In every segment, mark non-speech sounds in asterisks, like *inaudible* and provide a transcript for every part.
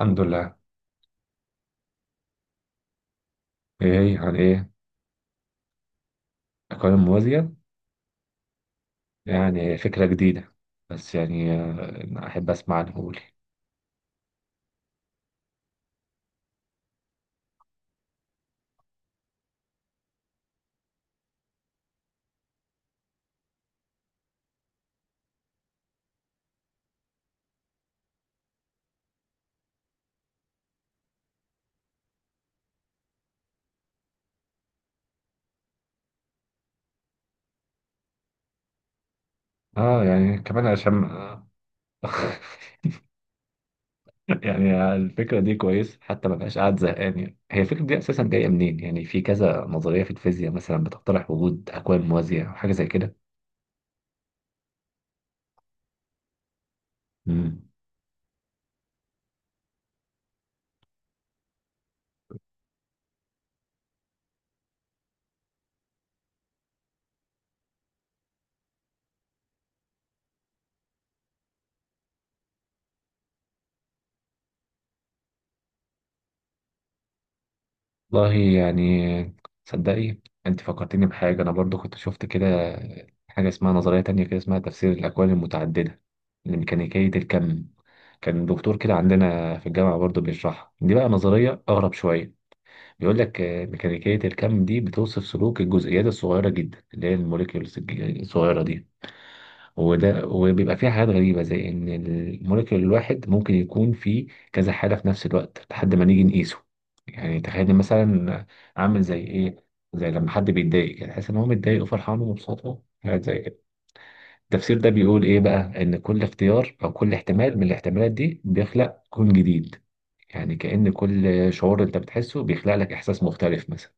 الحمد لله. ايه هي؟ عن ايه؟ اقاليم موازية. يعني فكرة جديدة. بس يعني احب اسمع عنه، قولي. اه يعني كمان عشان *laughs* يعني الفكرة دي كويس، حتى ما بقاش قاعد زهقان. يعني هي الفكرة دي اساسا جاية منين؟ يعني في كذا نظرية في الفيزياء مثلا بتقترح وجود اكوان موازية او حاجة زي كده. مم. والله يعني، صدقي، انت فكرتني بحاجة. انا برضو كنت شفت كده حاجة اسمها نظرية تانية كده، اسمها تفسير الاكوان المتعددة لميكانيكية الكم. كان دكتور كده عندنا في الجامعة برضه بيشرحها. دي بقى نظرية أغرب شوية. بيقول لك ميكانيكية الكم دي بتوصف سلوك الجزيئات الصغيرة جدا اللي هي الموليكيولز الصغيرة دي. وبيبقى فيها حاجات غريبة زي إن الموليكيول الواحد ممكن يكون فيه كذا حالة في نفس الوقت لحد ما نيجي نقيسه. يعني تخيل مثلا، عامل زي إيه؟ زي لما حد بيتضايق كده تحس إن هو متضايق وفرحان ومبسوط، حاجات زي كده. التفسير ده بيقول إيه بقى؟ إن كل اختيار أو كل احتمال من الاحتمالات دي بيخلق كون جديد. يعني كأن كل شعور أنت بتحسه بيخلق لك إحساس مختلف مثلا.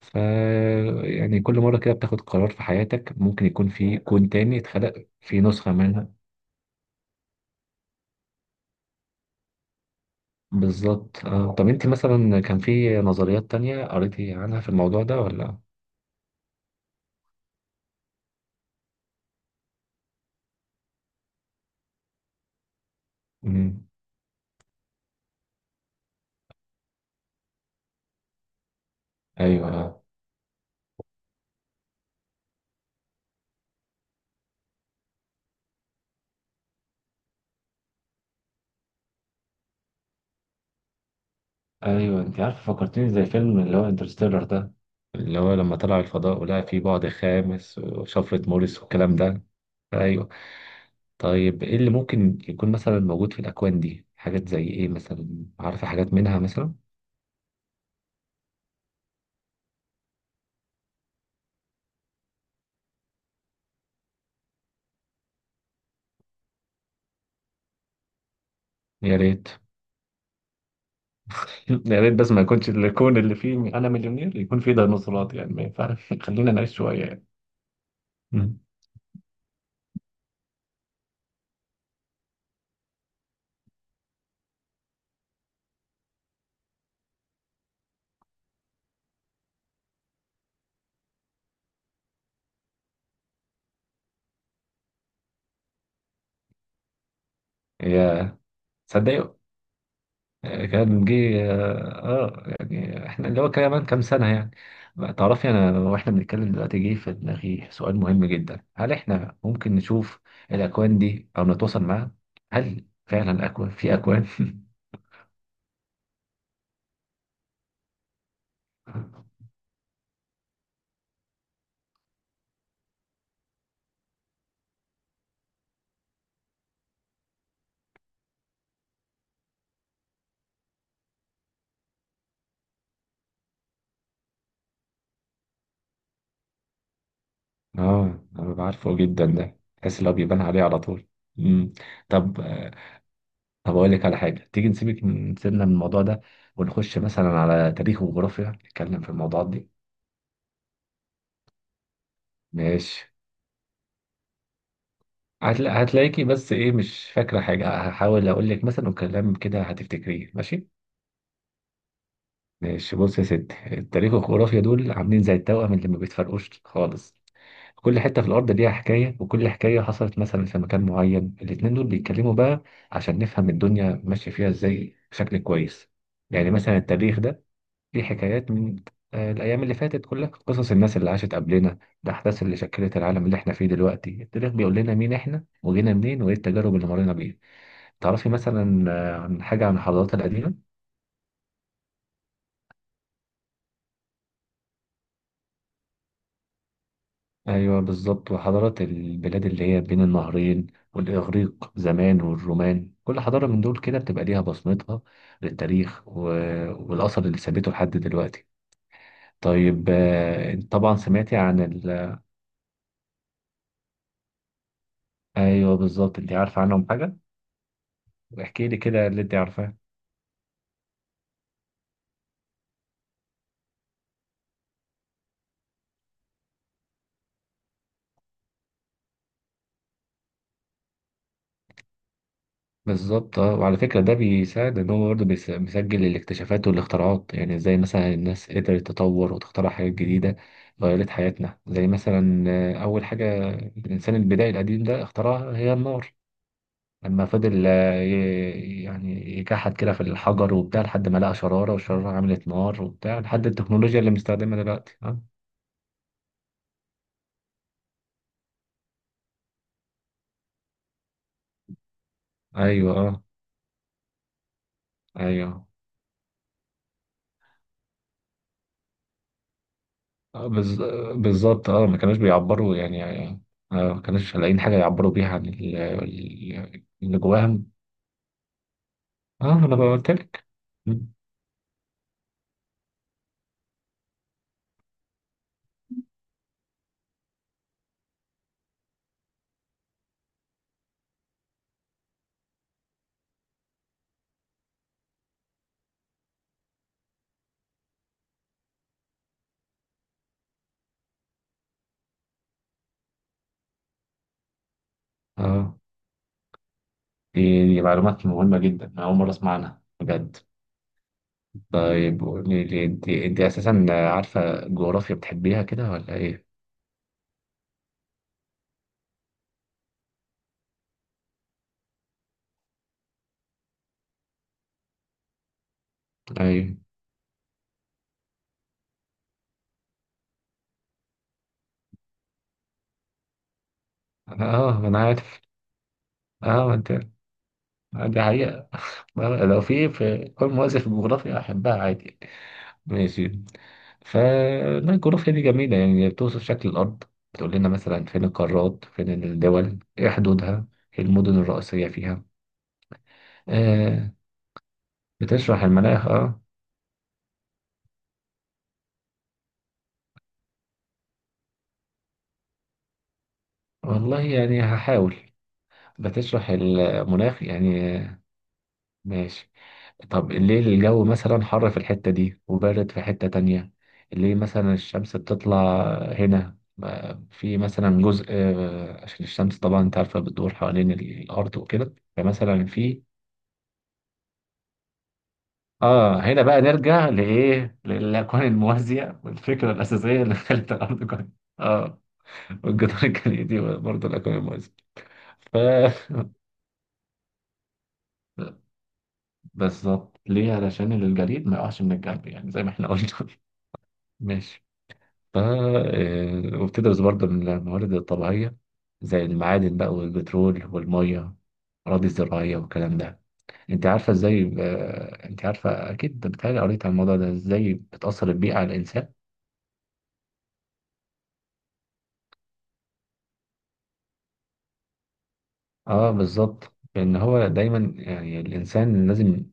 ف يعني كل مرة كده بتاخد قرار في حياتك ممكن يكون في كون تاني اتخلق في نسخة منها. بالظبط. طب أنت مثلا كان في نظريات تانية قريتي عنها في الموضوع ده ولا؟ مم. أيوه، ايوه، انت عارف فكرتني زي فيلم اللي هو انترستيلر ده. اللي هو لما طلع الفضاء ولقى فيه بعد خامس وشفرة موريس والكلام ده. ايوه. طيب، ايه اللي ممكن يكون مثلا موجود في الاكوان دي؟ حاجات زي ايه مثلا؟ عارفه حاجات منها مثلا؟ يا ريت. *laughs* يا ريت، بس ما يكونش الكون اللي فيه انا مليونير يكون فيه ديناصورات، يعني ما ينفعش، *laughs* خلينا نعيش شويه يعني. مم. يا تصدق، كان جه، اه يعني احنا اللي هو كمان كام سنة يعني. بقى تعرفي انا واحنا بنتكلم دلوقتي جه في دماغي سؤال مهم جدا: هل احنا ممكن نشوف الاكوان دي او نتواصل معاها؟ هل فعلا اكوان في اكوان؟ *laughs* اه، انا بعرفه جدا ده، تحس اللي هو بيبان عليه على طول. امم طب آه، طب اقول لك على حاجه، تيجي نسيبك، نسيبنا من الموضوع ده، ونخش مثلا على تاريخ وجغرافيا نتكلم في الموضوعات دي. ماشي. هتلاقيكي بس ايه، مش فاكرة حاجة، هحاول اقول لك مثلا وكلام كده هتفتكريه. ماشي. ماشي، بص يا ستي، التاريخ والجغرافيا دول عاملين زي التوأم اللي ما بيتفرقوش خالص. كل حتة في الأرض ليها حكاية، وكل حكاية حصلت مثلا في مكان معين، الاتنين دول بيتكلموا بقى عشان نفهم الدنيا ماشية فيها ازاي بشكل كويس. يعني مثلا، التاريخ ده ليه حكايات من الأيام اللي فاتت، كلها قصص الناس اللي عاشت قبلنا، الأحداث اللي شكلت العالم اللي احنا فيه دلوقتي. التاريخ بيقول لنا مين احنا وجينا منين وايه التجارب اللي مرينا بيها. تعرفي مثلا عن حاجة عن الحضارات القديمة؟ أيوة، بالظبط. وحضارات البلاد اللي هي بين النهرين، والإغريق زمان، والرومان. كل حضارة من دول كده بتبقى ليها بصمتها للتاريخ والأثر اللي ثابته لحد دلوقتي. طيب، طبعا سمعتي عن أيوة، بالظبط. أنت عارفة عنهم حاجة؟ احكي لي كده اللي أنت عارفاه. بالظبط، اه. وعلى فكرة ده بيساعد ان هو برضه بيسجل الاكتشافات والاختراعات، يعني زي مثلا الناس قدرت تطور وتخترع حاجات جديدة غيرت حياتنا، زي مثلا أول حاجة الإنسان البدائي القديم ده اخترعها هي النار. لما فضل يعني يكحد كده في الحجر وبتاع لحد ما لقى شرارة، والشرارة عملت نار وبتاع، لحد التكنولوجيا اللي بنستخدمها دلوقتي. اه. أيوه، اه، أيوه. آه، بالز- بالظبط، اه ما كانوش بيعبروا يعني. ما كانوش لاقيين حاجة يعبروا بيها عن اللي جواهم. اه، انا قلت لك. اه. دي معلومات مهمة جدا، أنا أول مرة أسمع عنها بجد. طيب قولي لي، أنت أساسا عارفة جغرافيا بتحبيها كده ولا إيه؟ أيوه، اه. أنا عارف. اه، ما أنت. دي حقيقة. لو في كل مؤسسة في الجغرافيا أحبها عادي يعني. ماشي. فلا، الجغرافيا دي جميلة يعني، هي بتوصف شكل الأرض. بتقول لنا مثلا فين القارات، فين الدول، ايه حدودها، ايه المدن الرئيسية فيها. آه، بتشرح المناخ، اه. والله يعني، هحاول. بتشرح المناخ يعني ماشي. طب ليه الجو مثلا حر في الحتة دي وبارد في حتة تانية؟ ليه مثلا الشمس بتطلع هنا في مثلا جزء، عشان الشمس طبعا، انت عارفة، بتدور حوالين الأرض وكده، فمثلا في. اه، هنا بقى نرجع لايه، للاكوان الموازيه والفكره الاساسيه اللي خلت الارض كون. اه. والجدار *laughs* الجليدي، برضه الاكوان الموازيه. ف بالظبط. ليه؟ علشان الجليد ما يقعش من الجنب يعني، زي ما احنا قلنا. *laughs* ماشي. ف آه، وبتدرس برضه من الموارد الطبيعيه، زي المعادن بقى والبترول والميه، اراضي زراعيه والكلام ده. انت عارفه اكيد، بتهيألي قريت عن الموضوع ده، ازاي بتاثر البيئه على الانسان. اه، بالظبط. لان هو دايما يعني الانسان لازم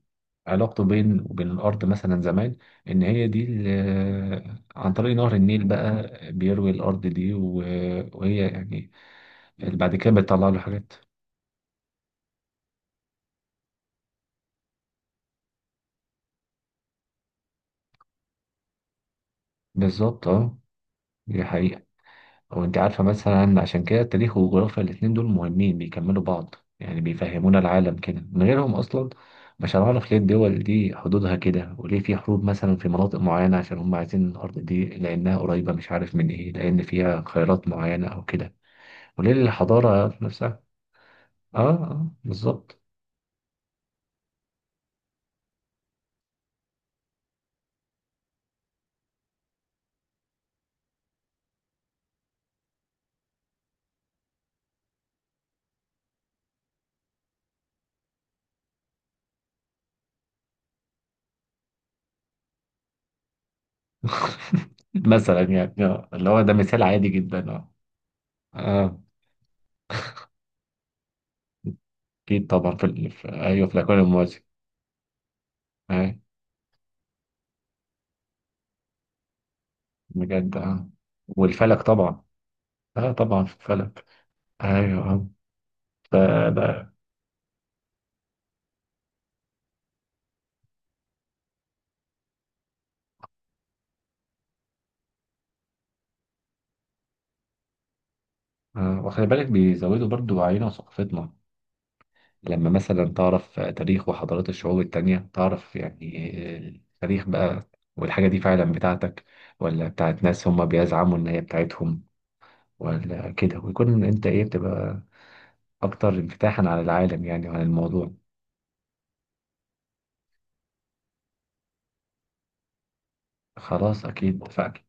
علاقته بين وبين الارض مثلا زمان، ان هي دي عن طريق نهر النيل بقى بيروي الارض دي وهي يعني، اللي بعد كده بتطلع له حاجات. بالظبط، اه. دي حقيقة. وانت عارفة مثلا، عشان كده التاريخ والجغرافيا الاتنين دول مهمين، بيكملوا بعض يعني، بيفهمونا العالم. كده من غيرهم أصلا مش هنعرف ليه الدول دي حدودها كده، وليه في حروب مثلا في مناطق معينة، عشان هم عايزين الأرض دي لأنها قريبة، مش عارف من إيه، لأن فيها خيرات معينة أو كده. وليه الحضارة نفسها. آه، آه، بالظبط. *laughs* مثلا يعني، اللي هو ده مثال عادي جدا. آه. آه أكيد طبعا، في، في، أيوه، في الأكوان الموازي. آه، بجد. آه، والفلك طبعا. آه، طبعا في الفلك. ايوه، آه. ف بقى وخلي بالك بيزودوا برضو وعينا وثقافتنا. لما مثلا تعرف تاريخ وحضارات الشعوب التانية، تعرف يعني التاريخ بقى، والحاجة دي فعلا بتاعتك ولا بتاعت ناس هما بيزعموا إن هي بتاعتهم، ولا كده، ويكون أنت إيه بتبقى أكتر انفتاحا على العالم يعني وعلى الموضوع. خلاص، أكيد، فأكيد.